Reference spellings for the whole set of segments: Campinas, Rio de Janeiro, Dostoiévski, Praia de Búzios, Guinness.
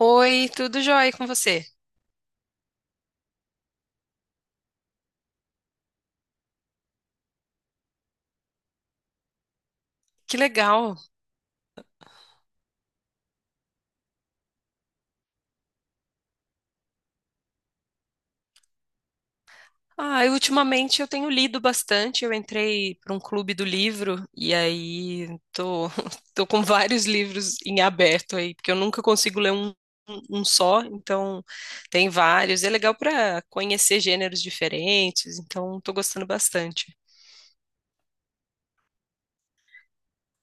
Oi, tudo jóia com você? Que legal. Ah, eu, ultimamente eu tenho lido bastante. Eu entrei para um clube do livro e aí tô, tô com vários livros em aberto aí, porque eu nunca consigo ler um só, então tem vários. É legal para conhecer gêneros diferentes, então tô gostando bastante.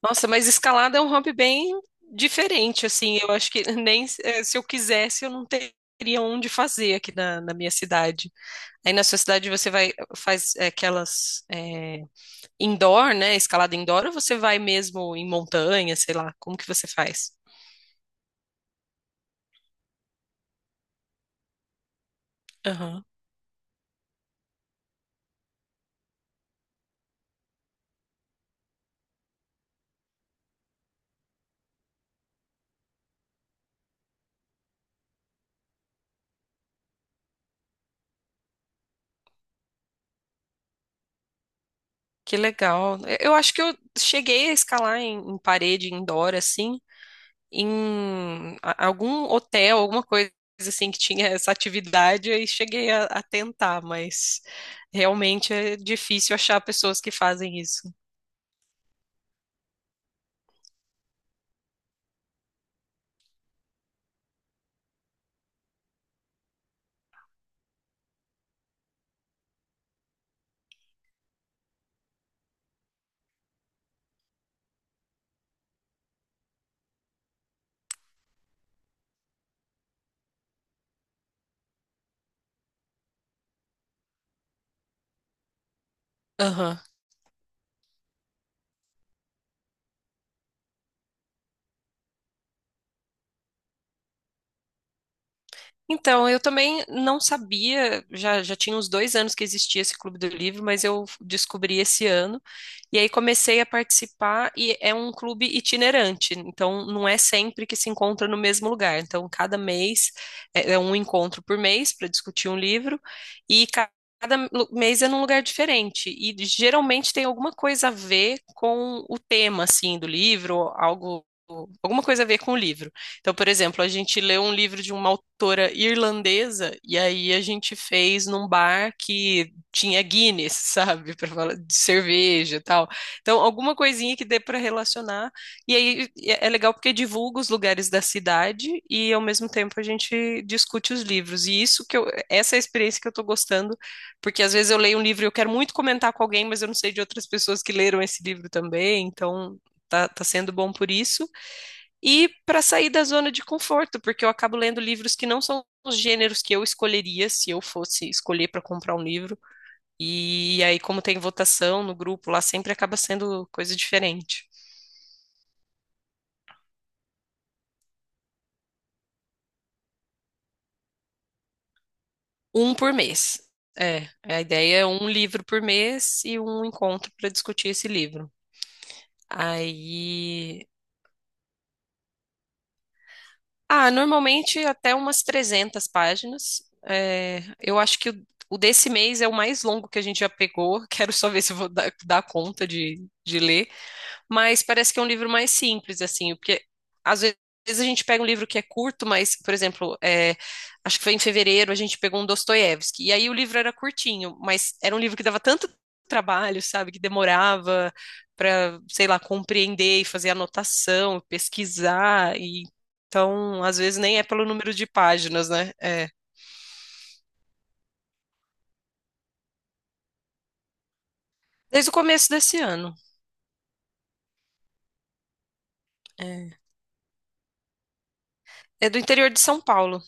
Nossa, mas escalada é um hobby bem diferente, assim. Eu acho que nem se eu quisesse eu não teria onde fazer aqui na minha cidade. Aí na sua cidade você vai faz é, aquelas é, indoor, né? Escalada indoor, ou você vai mesmo em montanha, sei lá, como que você faz? Aham. Que legal. Eu acho que eu cheguei a escalar em, em parede indoor, assim, em algum hotel, alguma coisa assim que tinha essa atividade, aí cheguei a tentar, mas realmente é difícil achar pessoas que fazem isso. Aham. Então, eu também não sabia, já tinha uns dois anos que existia esse Clube do Livro, mas eu descobri esse ano. E aí comecei a participar, e é um clube itinerante, então não é sempre que se encontra no mesmo lugar. Então, cada mês é, é um encontro por mês para discutir um livro, e mês é num lugar diferente. E geralmente tem alguma coisa a ver com o tema, assim, do livro, algo, alguma coisa a ver com o livro. Então, por exemplo, a gente leu um livro de uma autora irlandesa e aí a gente fez num bar que tinha Guinness, sabe, para falar de cerveja e tal. Então, alguma coisinha que dê para relacionar. E aí é legal porque divulga os lugares da cidade e ao mesmo tempo a gente discute os livros. E isso que eu, essa é a experiência que eu tô gostando, porque às vezes eu leio um livro e eu quero muito comentar com alguém, mas eu não sei de outras pessoas que leram esse livro também. Então, tá sendo bom por isso e para sair da zona de conforto, porque eu acabo lendo livros que não são os gêneros que eu escolheria se eu fosse escolher para comprar um livro. E aí, como tem votação no grupo lá, sempre acaba sendo coisa diferente. Um por mês. É, a ideia é um livro por mês e um encontro para discutir esse livro. Aí, ah, normalmente até umas 300 páginas. É, eu acho que o desse mês é o mais longo que a gente já pegou. Quero só ver se eu vou dar conta de ler, mas parece que é um livro mais simples, assim, porque às ve- às vezes a gente pega um livro que é curto, mas, por exemplo, é, acho que foi em fevereiro, a gente pegou um Dostoiévski, e aí o livro era curtinho, mas era um livro que dava tanto trabalho, sabe, que demorava para, sei lá, compreender e fazer anotação, pesquisar, e então, às vezes nem é pelo número de páginas, né? É, desde o começo desse ano. É, é do interior de São Paulo.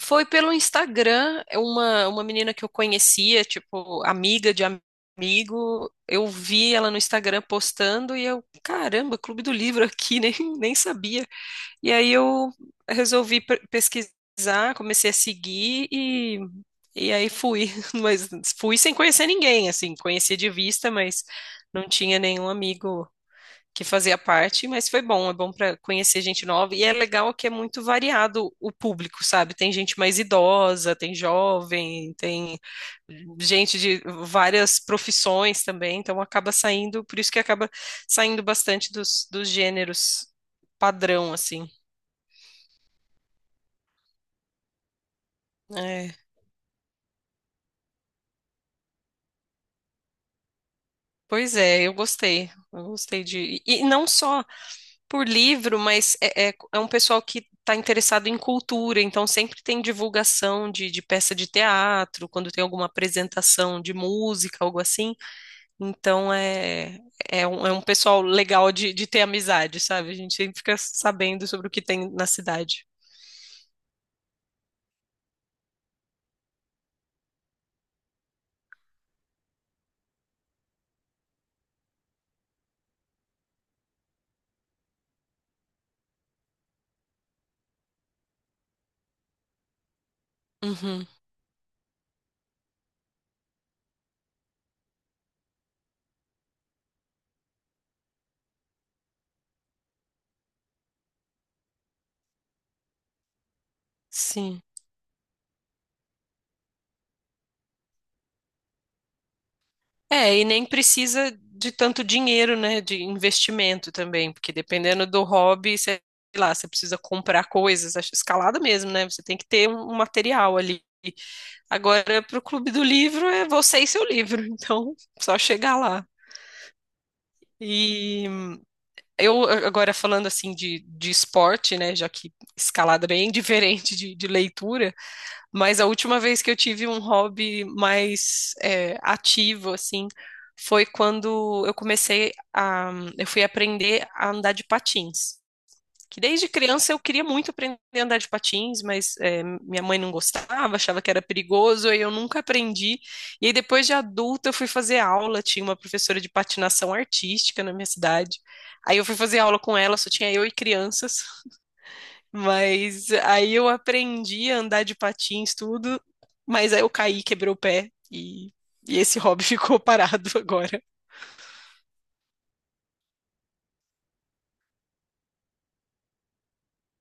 Foi pelo Instagram, é uma menina que eu conhecia, tipo, amiga de amigo. Eu vi ela no Instagram postando e eu, caramba, Clube do Livro aqui, nem sabia. E aí eu resolvi pesquisar, comecei a seguir e aí fui. Mas fui sem conhecer ninguém, assim, conhecia de vista, mas não tinha nenhum amigo que fazia parte, mas foi bom, é bom para conhecer gente nova e é legal que é muito variado o público, sabe? Tem gente mais idosa, tem jovem, tem gente de várias profissões também, então acaba saindo, por isso que acaba saindo bastante dos gêneros padrão, assim. É, pois é, eu gostei de não só por livro, mas é um pessoal que está interessado em cultura, então sempre tem divulgação de peça de teatro, quando tem alguma apresentação de música, algo assim. Então é é um pessoal legal de ter amizade, sabe? A gente sempre fica sabendo sobre o que tem na cidade. Uhum, sim. É, e nem precisa de tanto dinheiro, né, de investimento também, porque dependendo do hobby, sei lá, você precisa comprar coisas, acho- escalada mesmo, né? Você tem que ter um material ali. Agora, para o Clube do Livro, é você e seu livro, então só chegar lá. E eu agora falando assim de esporte, né, já que escalada é bem diferente de leitura, mas a última vez que eu tive um hobby mais ativo, assim, foi quando eu comecei a, eu fui aprender a andar de patins. Que desde criança eu queria muito aprender a andar de patins, mas é, minha mãe não gostava, achava que era perigoso, e eu nunca aprendi. E aí depois de adulta eu fui fazer aula, tinha uma professora de patinação artística na minha cidade. Aí eu fui fazer aula com ela, só tinha eu e crianças. Mas aí eu aprendi a andar de patins, tudo, mas aí eu caí, quebrei o pé e esse hobby ficou parado agora.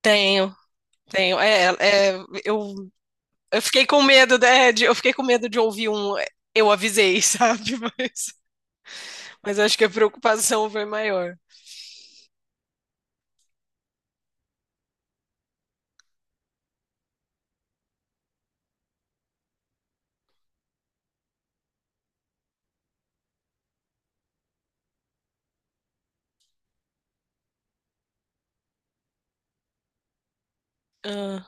Tenho, tenho. É, é, eu, eu fiquei com medo, né, de, eu fiquei com medo de ouvir um. "É, eu avisei, sabe? Mas acho que a preocupação foi maior. Ah,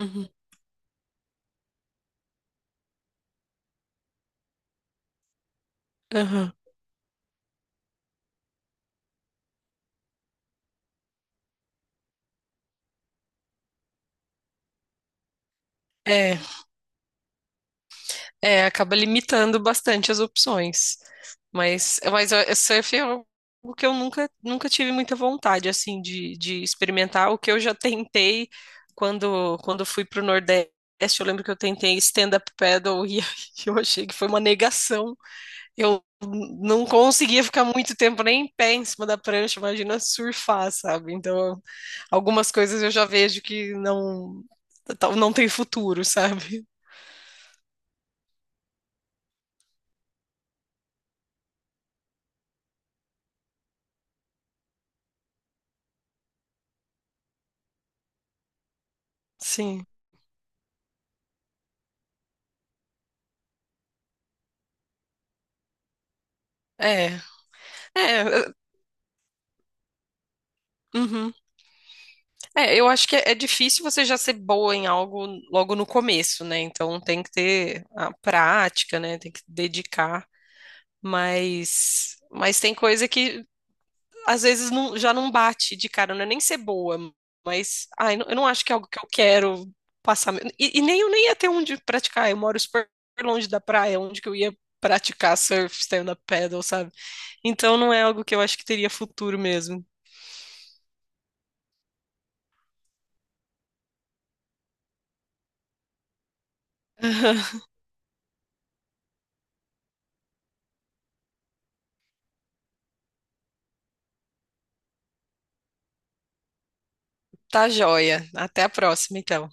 uhum, aham. É, é, acaba limitando bastante as opções. Mas surf é algo que eu nunca, nunca tive muita vontade, assim, de experimentar. O que eu já tentei quando, quando fui pro Nordeste, eu lembro que eu tentei stand-up paddle e eu achei que foi uma negação. Eu não conseguia ficar muito tempo nem em pé em cima da prancha, imagina surfar, sabe? Então, algumas coisas eu já vejo que não, não tem futuro, sabe? Sim. É, é, uhum. É, eu acho que é difícil você já ser boa em algo logo no começo, né? Então tem que ter a prática, né? Tem que dedicar, mas tem coisa que às vezes não- já não bate de cara, não é nem ser boa, mas ai, não- eu não acho que é algo que eu quero passar. E nem eu nem ia ter onde praticar. Eu moro super longe da praia, onde que eu ia praticar surf, stand-up paddle, sabe? Então não é algo que eu acho que teria futuro mesmo. Tá joia. Até a próxima, então.